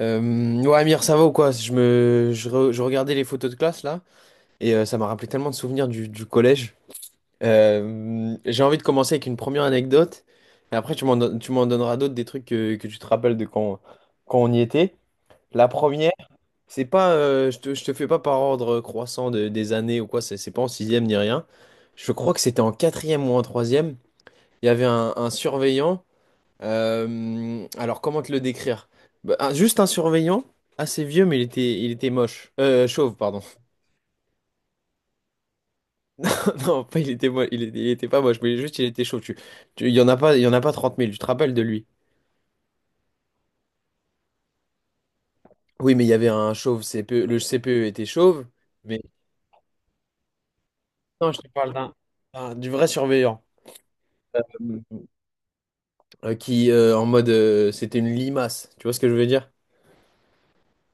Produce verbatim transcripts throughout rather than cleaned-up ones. Euh, ouais, Amir, ça va ou quoi? Je me, je, re- je regardais les photos de classe là, et euh, ça m'a rappelé tellement de souvenirs du, du collège. Euh, j'ai envie de commencer avec une première anecdote, et après tu m'en, don- tu m'en donneras d'autres des trucs que, que tu te rappelles de quand, quand on y était. La première, c'est pas, euh, je te, je te fais pas par ordre croissant de- des années ou quoi, c'est c'est pas en sixième ni rien. Je crois que c'était en quatrième ou en troisième. Il y avait un, un surveillant euh, alors, comment te le décrire? Bah, un- juste un surveillant, assez vieux, mais il était, il était moche. Euh, chauve, pardon. Non, pas il était moche, il était, il était pas moche, mais juste il était chauve. Tu, tu- il y en a pas, il y en a pas trente mille, tu te rappelles de lui? Oui, mais il y avait un chauve C P E, le C P E était chauve, mais non, je te parle d'un, d'un- du vrai surveillant. Euh, euh, qui, euh, en mode, euh, c'était une limace, tu vois ce que je veux dire?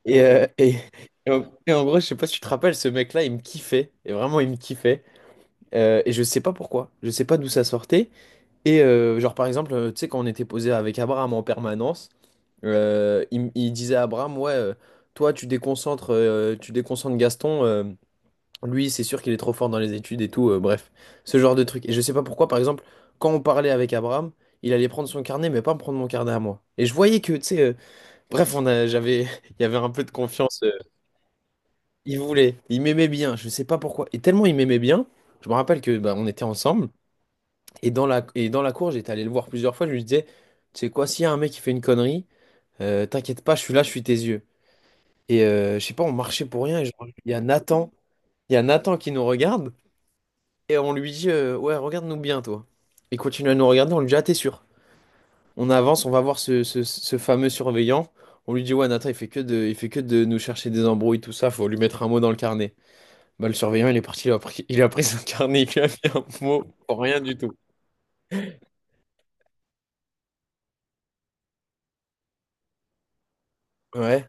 Et, euh, et, et en, et en gros, je sais pas si tu te rappelles, ce mec-là, il me kiffait, et vraiment, il me kiffait. Euh, et je sais pas pourquoi, je sais pas d'où ça sortait. Et euh, genre par exemple, euh, tu sais, quand on était posé avec Abraham en permanence, euh, il, m- il disait à Abraham, ouais, euh, toi tu déconcentres, euh, tu déconcentres Gaston, euh, lui c'est sûr qu'il est trop fort dans les études et tout, euh, bref, ce genre de truc. Et je sais pas pourquoi, par exemple, quand on parlait avec Abraham, il allait prendre son carnet, mais pas me prendre mon carnet à moi. Et je voyais que, tu sais, euh, bref, on a, j'avais, il y avait un peu de confiance. euh, il voulait, il m'aimait bien, je sais pas pourquoi. Et tellement il m'aimait bien, je me rappelle que bah, on était ensemble. Et dans la, et dans la cour, j'étais allé le voir plusieurs fois, je lui disais, tu sais quoi, s'il y a un mec qui fait une connerie, euh, t'inquiète pas, je suis là, je suis tes yeux. Et euh, je sais pas, on marchait pour rien, et genre, il y a Nathan, il y a Nathan qui nous regarde, et on lui dit, euh, ouais, regarde-nous bien, toi. Il continue à nous regarder, on lui dit, ah, t'es sûr? On avance, on va voir ce, ce- ce fameux surveillant. On lui dit, ouais, Nathan, il fait que de, il fait que de nous chercher des embrouilles, tout ça, faut lui mettre un mot dans le carnet. Bah, le surveillant, il est parti, il a pris, il a pris son carnet, il lui a mis un mot pour rien du tout. Ouais.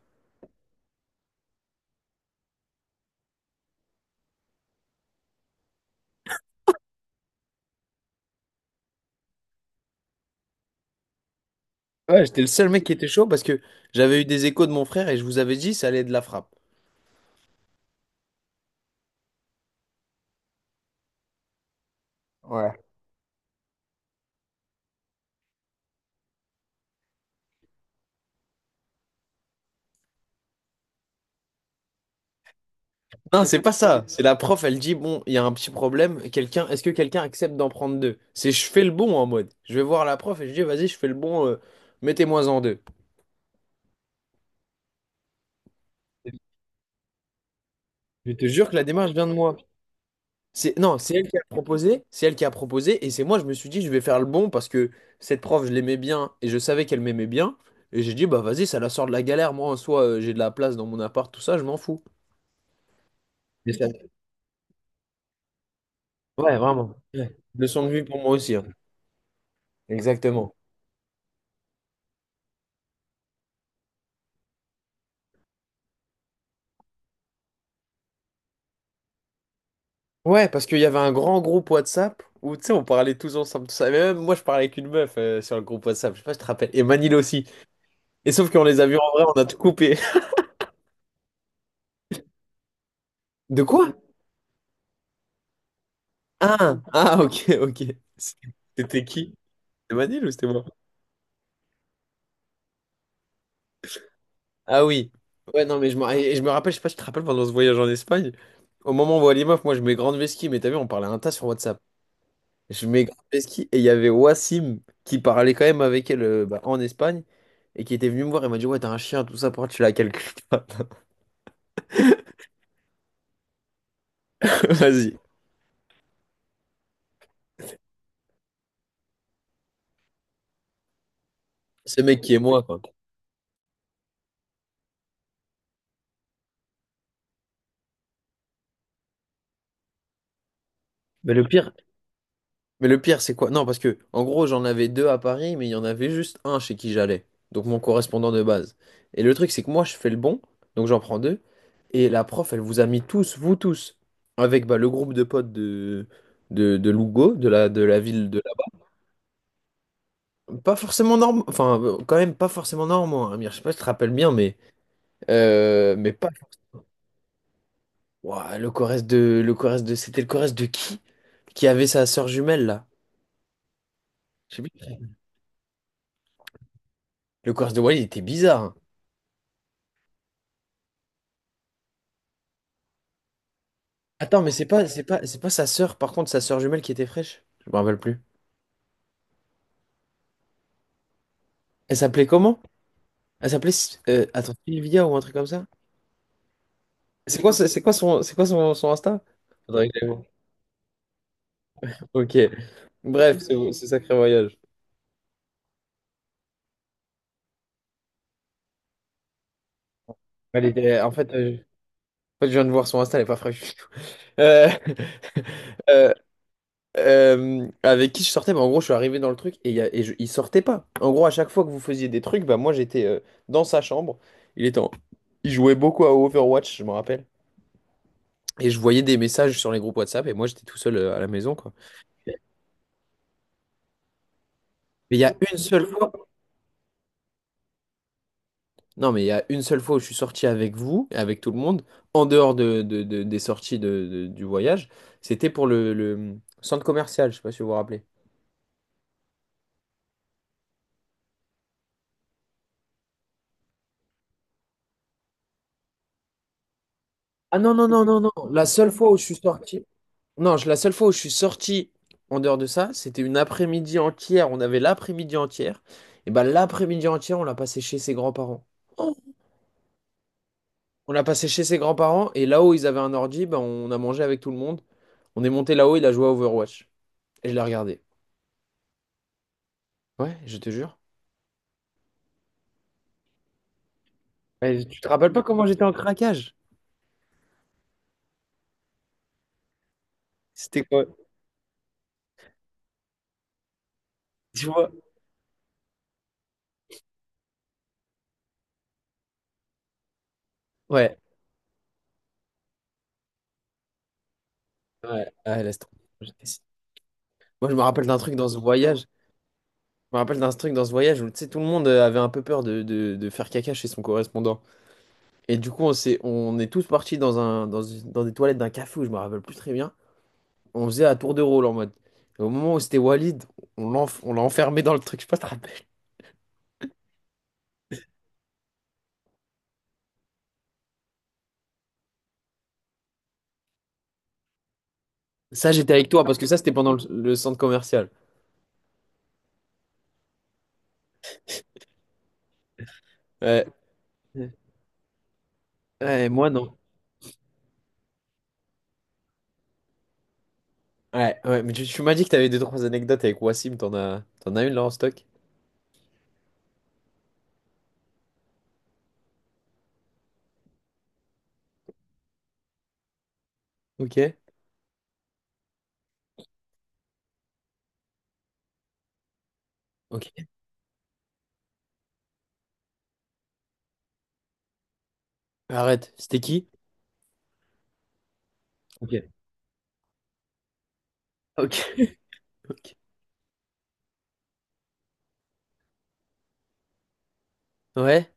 Ouais, j'étais le seul mec qui était chaud parce que j'avais eu des échos de mon frère et je vous avais dit ça allait être de la frappe. Ouais. Non, c'est pas ça. C'est la prof, elle dit, bon, il y a un petit problème. Quelqu'un, est-ce que quelqu'un accepte d'en prendre deux? C'est je fais le bon en mode. Je vais voir la prof et je dis, vas-y, je fais le bon, euh, mettez-moi en deux. Je te jure que la démarche vient de moi. C'est, non, c'est elle qui a proposé, c'est elle qui a proposé, et c'est moi, je me suis dit, je vais faire le bon parce que cette prof, je l'aimais bien et je savais qu'elle m'aimait bien. Et j'ai dit, bah vas-y, ça la sort de la galère. Moi, en soi, euh, j'ai de la place dans mon appart, tout ça, je m'en fous. Ouais, vraiment. Ouais. Leçon de vie pour moi aussi, hein. Exactement. Ouais, parce qu'il y avait un grand groupe WhatsApp où, tu sais, on parlait tous ensemble, tout ça. Mais même moi, je parlais avec une meuf euh, sur le groupe WhatsApp. Je sais pas si tu te rappelles. Et Manil aussi. Et sauf qu'on les a vus en vrai, on a tout coupé. De quoi? Ah, ah, ok, ok. C'était qui? C'était Manil ou c'était moi? Ah oui. Ouais, non, mais je me, et je me rappelle, je sais pas si tu te rappelles pendant ce voyage en Espagne. Au moment où on voit les meufs, moi, je mets grande vesquille, mais t'as vu, on parlait un tas sur WhatsApp. Je mets ski et il y avait Wassim qui parlait quand même avec elle, euh, bah, en Espagne, et qui était venu me voir et m'a dit, ouais, t'as un chien, tout ça, pourquoi tu l'as quelque part. Vas-y. Ce mec qui est moi, quoi. Mais le pire mais le pire, c'est quoi? Non, parce que en gros j'en avais deux à Paris, mais il y en avait juste un chez qui j'allais, donc mon correspondant de base. Et le truc c'est que moi je fais le bon, donc j'en prends deux, et la prof, elle vous a mis tous, vous tous, avec bah, le groupe de potes de de, de Lugo, de la de la ville de Pas forcément normal, enfin euh, quand même pas forcément normand, hein, Amir. Je sais pas si tu te rappelles bien, mais euh, mais pas Ouah, le Corrèze de le Corrèze de c'était le Corrèze de qui qui avait sa sœur jumelle là? Je sais plus. Le Corrèze de Wally, il était bizarre, hein. Attends, mais c'est pas c'est pas c'est pas sa sœur, par contre sa sœur jumelle qui était fraîche. Je me rappelle plus. Elle s'appelait comment? Elle s'appelait S- euh, attends, Sylvia ou un truc comme ça? C'est quoi c'est c'est quoi son c'est quoi son son Insta? Faudrait que j'aille voir. Ok. Bref, c'est ce sacré voyage. Elle était en fait euh, je- en fait, je viens de voir son Insta, elle est pas fraîche. Euh, euh, euh, avec qui je sortais, bah, en gros, je suis arrivé dans le truc et, il y a- et je- il sortait pas. En gros, à chaque fois que vous faisiez des trucs, bah, moi j'étais euh, dans sa chambre. Il était en- Il jouait beaucoup à Overwatch, je me rappelle. Et je voyais des messages sur les groupes WhatsApp et moi j'étais tout seul euh, à la maison, quoi. Mais il y a une seule fois, non, mais il y a une seule fois où je suis sorti avec vous, avec tout le monde, en dehors de, de- de- des sorties de, de- du voyage, c'était pour le, le centre commercial, je sais pas si vous vous rappelez. Ah non, non, non, non, non. La seule fois où je suis sorti. Non, je- la seule fois où je suis sorti en dehors de ça, c'était une après-midi entière. On avait l'après-midi entière. Et ben l'après-midi entière, on l'a passé chez ses grands-parents. Oh. On l'a passé chez ses grands-parents et là-haut, ils avaient un ordi, ben, on a mangé avec tout le monde. On est monté là-haut, il a joué à Overwatch. Et je l'ai regardé. Ouais, je te jure. Ouais, tu te rappelles pas comment j'étais en craquage? C'était quoi? Tu vois? Ouais. Ouais, ouais, laisse tomber. J'étais- Moi, je me rappelle d'un truc dans ce voyage. Je me rappelle d'un truc dans ce voyage où, tu sais, tout le monde euh, avait un peu peur de, de de faire caca chez son correspondant. Et du coup, on s'est, on est tous partis dans un, dans une- dans des toilettes d'un café où je me rappelle plus très bien. On faisait à tour de rôle en mode. Et au moment où c'était Walid, on l'enf- on l'a enfermé dans le truc. Je sais pas si tu te rappelles. Ça, j'étais avec toi parce que ça, c'était pendant le, le centre commercial. Ouais. Ouais, moi, non. Ouais, ouais, mais tu, tu m'as dit que t'avais deux, trois anecdotes avec Wassim. T'en as, t'en as une là en stock? Ok. Ok. Arrête. C'était qui? Ok. Ok. Ok. Ouais.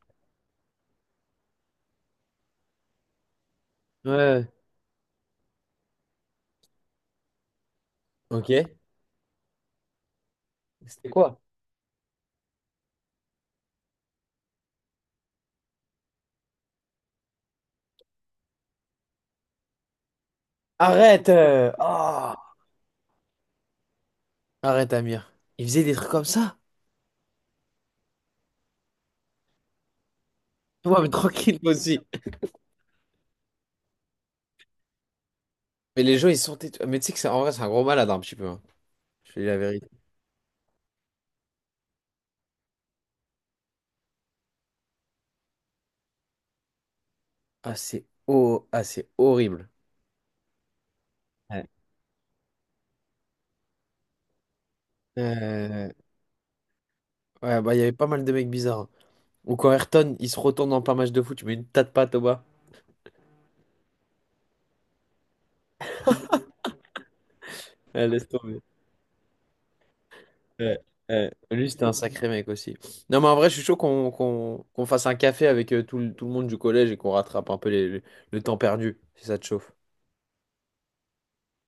Ouais. Ok. C'était quoi? Arrête! Euh, ah, arrête, Amir. Il faisait des trucs comme ça? Ouais, mais tranquille, moi aussi. Mais les gens, ils sont têtus. Mais tu sais que c'est en vrai, c'est un gros malade, hein, un petit peu, hein. Je te dis la vérité. Ah, c'est oh, ah, c'est horrible. Ouais. Euh, ouais, bah, il y avait pas mal de mecs bizarres, hein. Ou quand Ayrton, il se retourne dans plein match de foot, tu mets une tas de pattes au bas. Ouais, laisse tomber. Ouais, ouais. Lui, c'était un sacré mec aussi. Non, mais en vrai, je suis chaud qu'on qu'on qu'on fasse un café avec euh, tout, le tout le monde du collège et qu'on rattrape un peu les- le, le temps perdu, si ça te chauffe.